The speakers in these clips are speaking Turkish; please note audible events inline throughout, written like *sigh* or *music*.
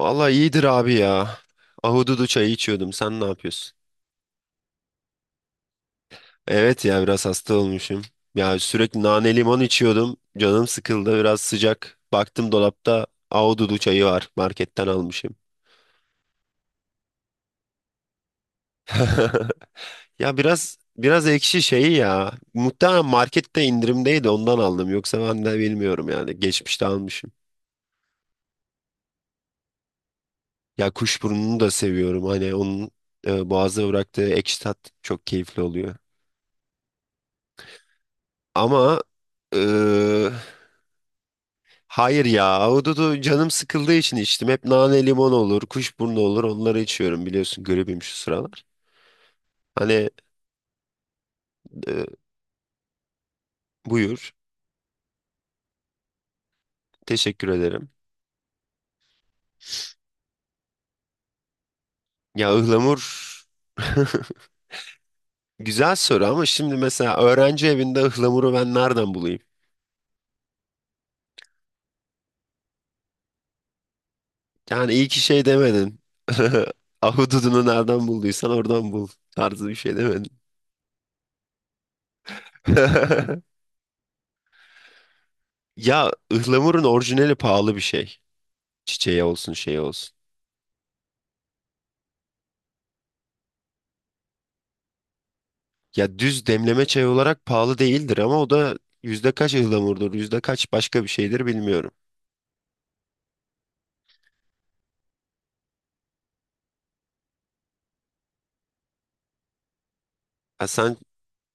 Vallahi iyidir abi ya. Ahududu çayı içiyordum. Sen ne yapıyorsun? Evet ya biraz hasta olmuşum. Ya sürekli nane limon içiyordum. Canım sıkıldı biraz sıcak. Baktım dolapta ahududu çayı var. Marketten almışım. *laughs* Ya biraz ekşi şeyi ya. Muhtemelen markette indirimdeydi ondan aldım. Yoksa ben de bilmiyorum yani. Geçmişte almışım. Ya kuşburnunu da seviyorum. Hani boğazda bıraktığı ekşi tat çok keyifli oluyor. Ama e, Hayır ya, ahududu canım sıkıldığı için içtim. Hep nane limon olur, kuşburnu olur onları içiyorum biliyorsun gribim şu sıralar. Hani e, Buyur, teşekkür ederim. Ya ıhlamur, *laughs* güzel soru ama şimdi mesela öğrenci evinde ıhlamuru ben nereden bulayım? Yani iyi ki şey demedin. *laughs* Ahududunu nereden bulduysan oradan bul tarzı bir şey demedin. *laughs* Ya ıhlamurun orijinali pahalı bir şey. Çiçeği olsun şey olsun. Ya düz demleme çay olarak pahalı değildir ama o da yüzde kaç ıhlamurdur, yüzde kaç başka bir şeydir bilmiyorum. Ha, sen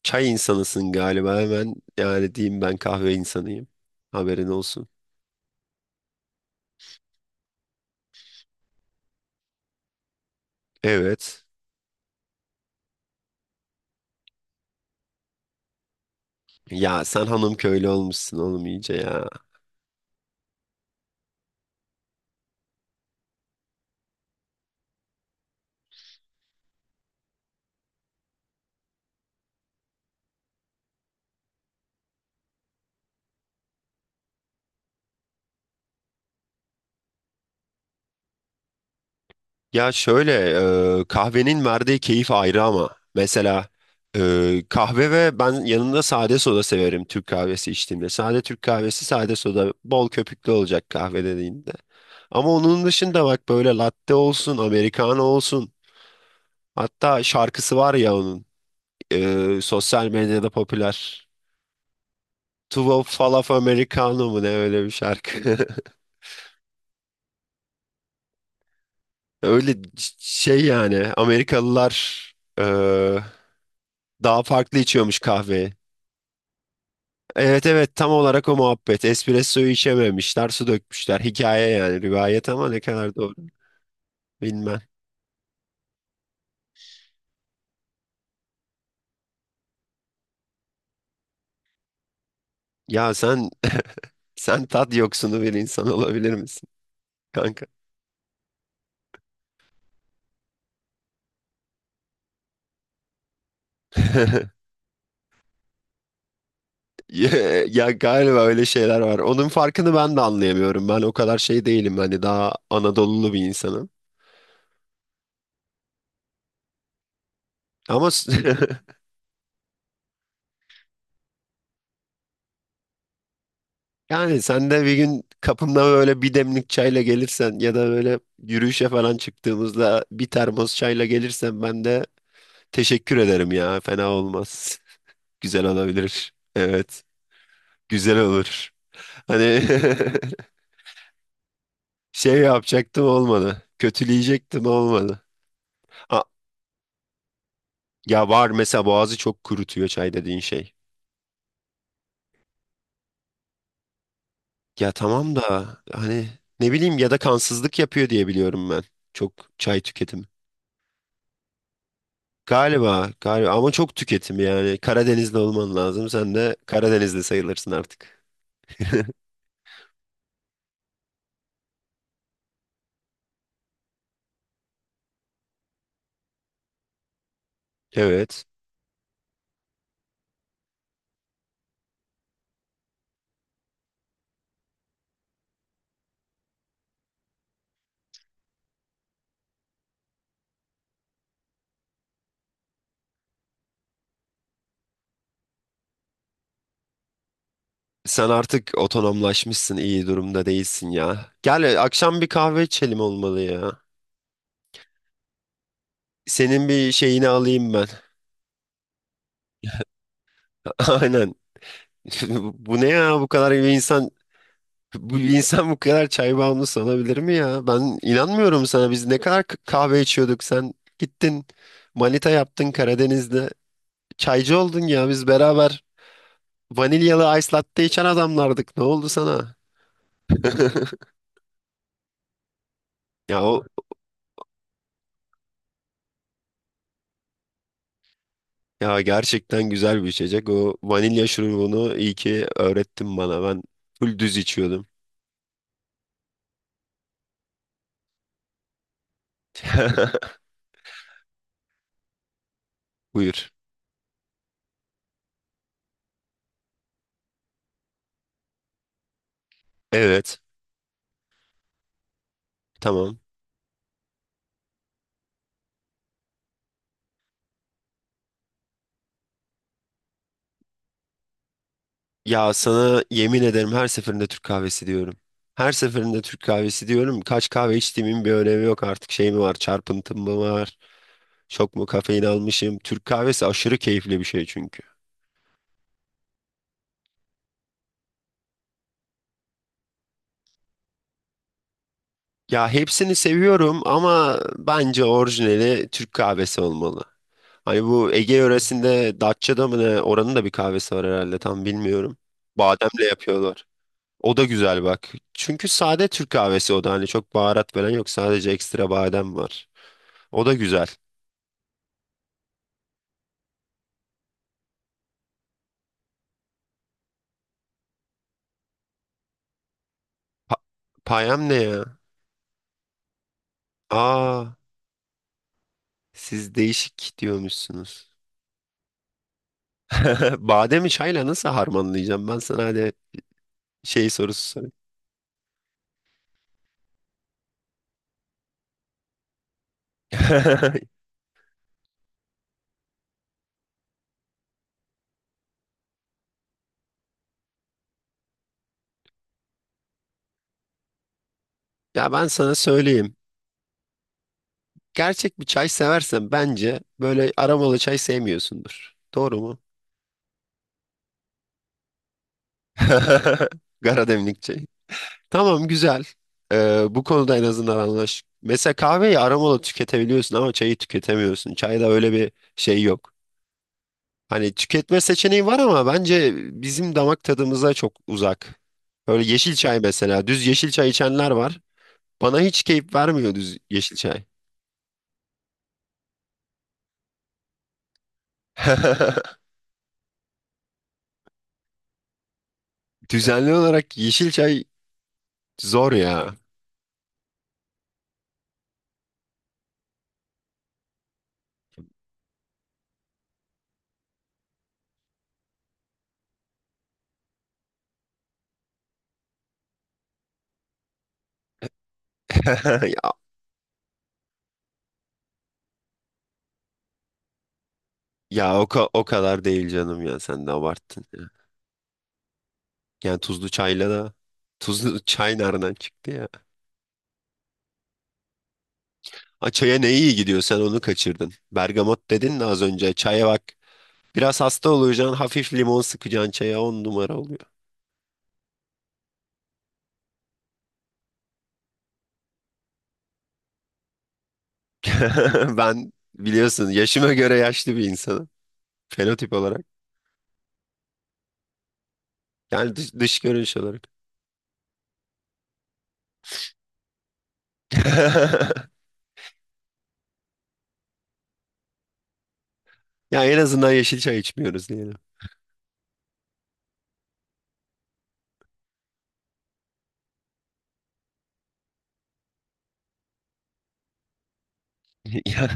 çay insanısın galiba, hemen yani diyeyim, ben kahve insanıyım. Haberin olsun. Evet. Ya sen hanım köylü olmuşsun oğlum iyice ya. Ya şöyle Kahvenin verdiği keyif ayrı ama. Kahve ve ben yanında sade soda severim Türk kahvesi içtiğimde. Sade Türk kahvesi, sade soda bol köpüklü olacak kahve dediğinde. Ama onun dışında bak böyle latte olsun, americano olsun. Hatta şarkısı var ya onun. Sosyal medyada popüler. Two falaf Americano mu ne öyle bir şarkı. *laughs* Şey yani Amerikalılar eee, daha farklı içiyormuş kahveyi. Evet, evet, tam olarak o muhabbet. Espresso'yu içememişler, su dökmüşler. Hikaye yani rivayet ama ne kadar doğru bilmem. Ya sen *laughs* sen tat yoksunu bir insan olabilir misin kanka? *laughs* Ya, ya galiba öyle şeyler var. Onun farkını ben de anlayamıyorum. Ben o kadar şey değilim. Hani daha Anadolulu bir insanım. Ama s- *laughs* yani sen de bir gün kapımda böyle bir demlik çayla gelirsen ya da böyle yürüyüşe falan çıktığımızda bir termos çayla gelirsen ben de teşekkür ederim ya. Fena olmaz. *laughs* Güzel olabilir. Evet. Güzel olur. Hani *laughs* şey yapacaktım olmadı. Kötüleyecektim olmadı. A- Ya var mesela, boğazı çok kurutuyor çay dediğin şey. Ya tamam da hani ne bileyim, ya da kansızlık yapıyor diye biliyorum ben. Çok çay tüketimi. Galiba, galiba ama çok tüketim yani. Karadenizli olman lazım. Sen de Karadenizli sayılırsın artık. *laughs* Evet. Sen artık otonomlaşmışsın, iyi durumda değilsin ya. Gel akşam bir kahve içelim olmalı ya. Senin bir şeyini alayım ben. *laughs* Aynen. *laughs* Bu ne ya bu kadar bir insan? Bu insan bu kadar çay bağımlısı olabilir mi ya? Ben inanmıyorum sana. Biz ne kadar kahve içiyorduk. Sen gittin manita yaptın Karadeniz'de. Çaycı oldun ya. Biz beraber vanilyalı ice latte içen adamlardık. Ne oldu sana? *laughs* Ya o, ya gerçekten güzel bir içecek. O vanilya şurubunu iyi ki öğrettin bana. Ben full düz içiyordum. *laughs* Buyur. Evet. Tamam. Ya sana yemin ederim her seferinde Türk kahvesi diyorum. Her seferinde Türk kahvesi diyorum. Kaç kahve içtiğimin bir önemi yok artık. Şey mi var? Çarpıntım mı var? Çok mu kafein almışım? Türk kahvesi aşırı keyifli bir şey çünkü. Ya hepsini seviyorum ama bence orijinali Türk kahvesi olmalı. Hani bu Ege yöresinde Datça'da mı ne? Oranın da bir kahvesi var herhalde, tam bilmiyorum. Bademle yapıyorlar. O da güzel bak. Çünkü sade Türk kahvesi, o da hani çok baharat falan yok. Sadece ekstra badem var. O da güzel. Pa- Payam ne ya? Aa, siz değişik diyormuşsunuz. *laughs* Bademi çayla nasıl harmanlayacağım? Ben sana hadi şey sorusu sorayım. *laughs* Ya ben sana söyleyeyim. Gerçek bir çay seversen bence böyle aromalı çay sevmiyorsundur. Doğru mu? *laughs* Karademlik çay. Tamam güzel. Bu konuda en azından anlaş. Mesela kahveyi aromalı tüketebiliyorsun ama çayı tüketemiyorsun. Çayda öyle bir şey yok. Hani tüketme seçeneği var ama bence bizim damak tadımıza çok uzak. Böyle yeşil çay mesela. Düz yeşil çay içenler var. Bana hiç keyif vermiyor düz yeşil çay. *laughs* Düzenli olarak yeşil çay zor ya. *laughs* Ya, o kadar değil canım, ya sen de abarttın ya. Yani tuzlu çayla da, tuzlu *laughs* çay nereden çıktı ya? Ha, çaya ne iyi gidiyor sen onu kaçırdın. Bergamot dedin de az önce, çaya bak. Biraz hasta olacaksın, hafif limon sıkacaksın, çaya on numara oluyor. *laughs* Ben biliyorsun yaşıma göre yaşlı bir insanım. Fenotip olarak. Yani dış görünüş olarak. *laughs* Ya en azından yeşil çay içmiyoruz diyelim. *laughs* Ya,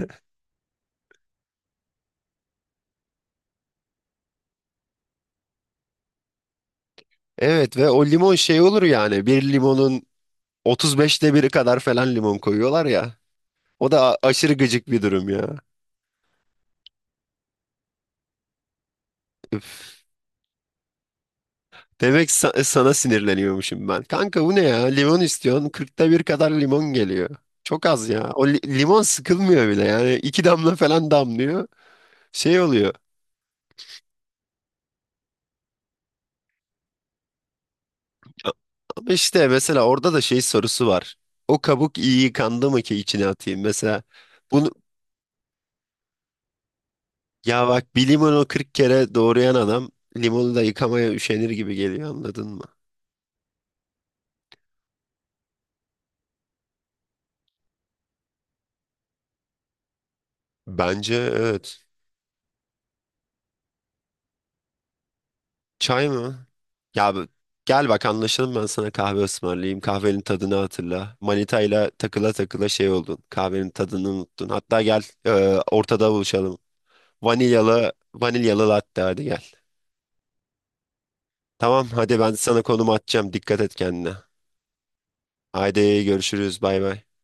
evet ve o limon şey olur yani. Bir limonun 35'te biri kadar falan limon koyuyorlar ya. O da aşırı gıcık bir durum ya. Üf. Demek sana sinirleniyormuşum ben. Kanka bu ne ya? Limon istiyorsun. 40'ta bir kadar limon geliyor. Çok az ya. O limon sıkılmıyor bile yani. İki damla falan damlıyor. Şey oluyor. Ama İşte mesela orada da şey sorusu var. O kabuk iyi yıkandı mı ki içine atayım? Mesela bunu, ya bak bir limonu 40 kere doğrayan adam limonu da yıkamaya üşenir gibi geliyor, anladın mı? Bence evet. Çay mı? Ya bu- Gel bak anlaşalım, ben sana kahve ısmarlayayım. Kahvenin tadını hatırla. Manitayla takıla takıla şey oldun. Kahvenin tadını unuttun. Hatta gel, ortada buluşalım. Vanilyalı latte hadi gel. Tamam hadi ben sana konum atacağım. Dikkat et kendine. Haydi görüşürüz. Bay bay.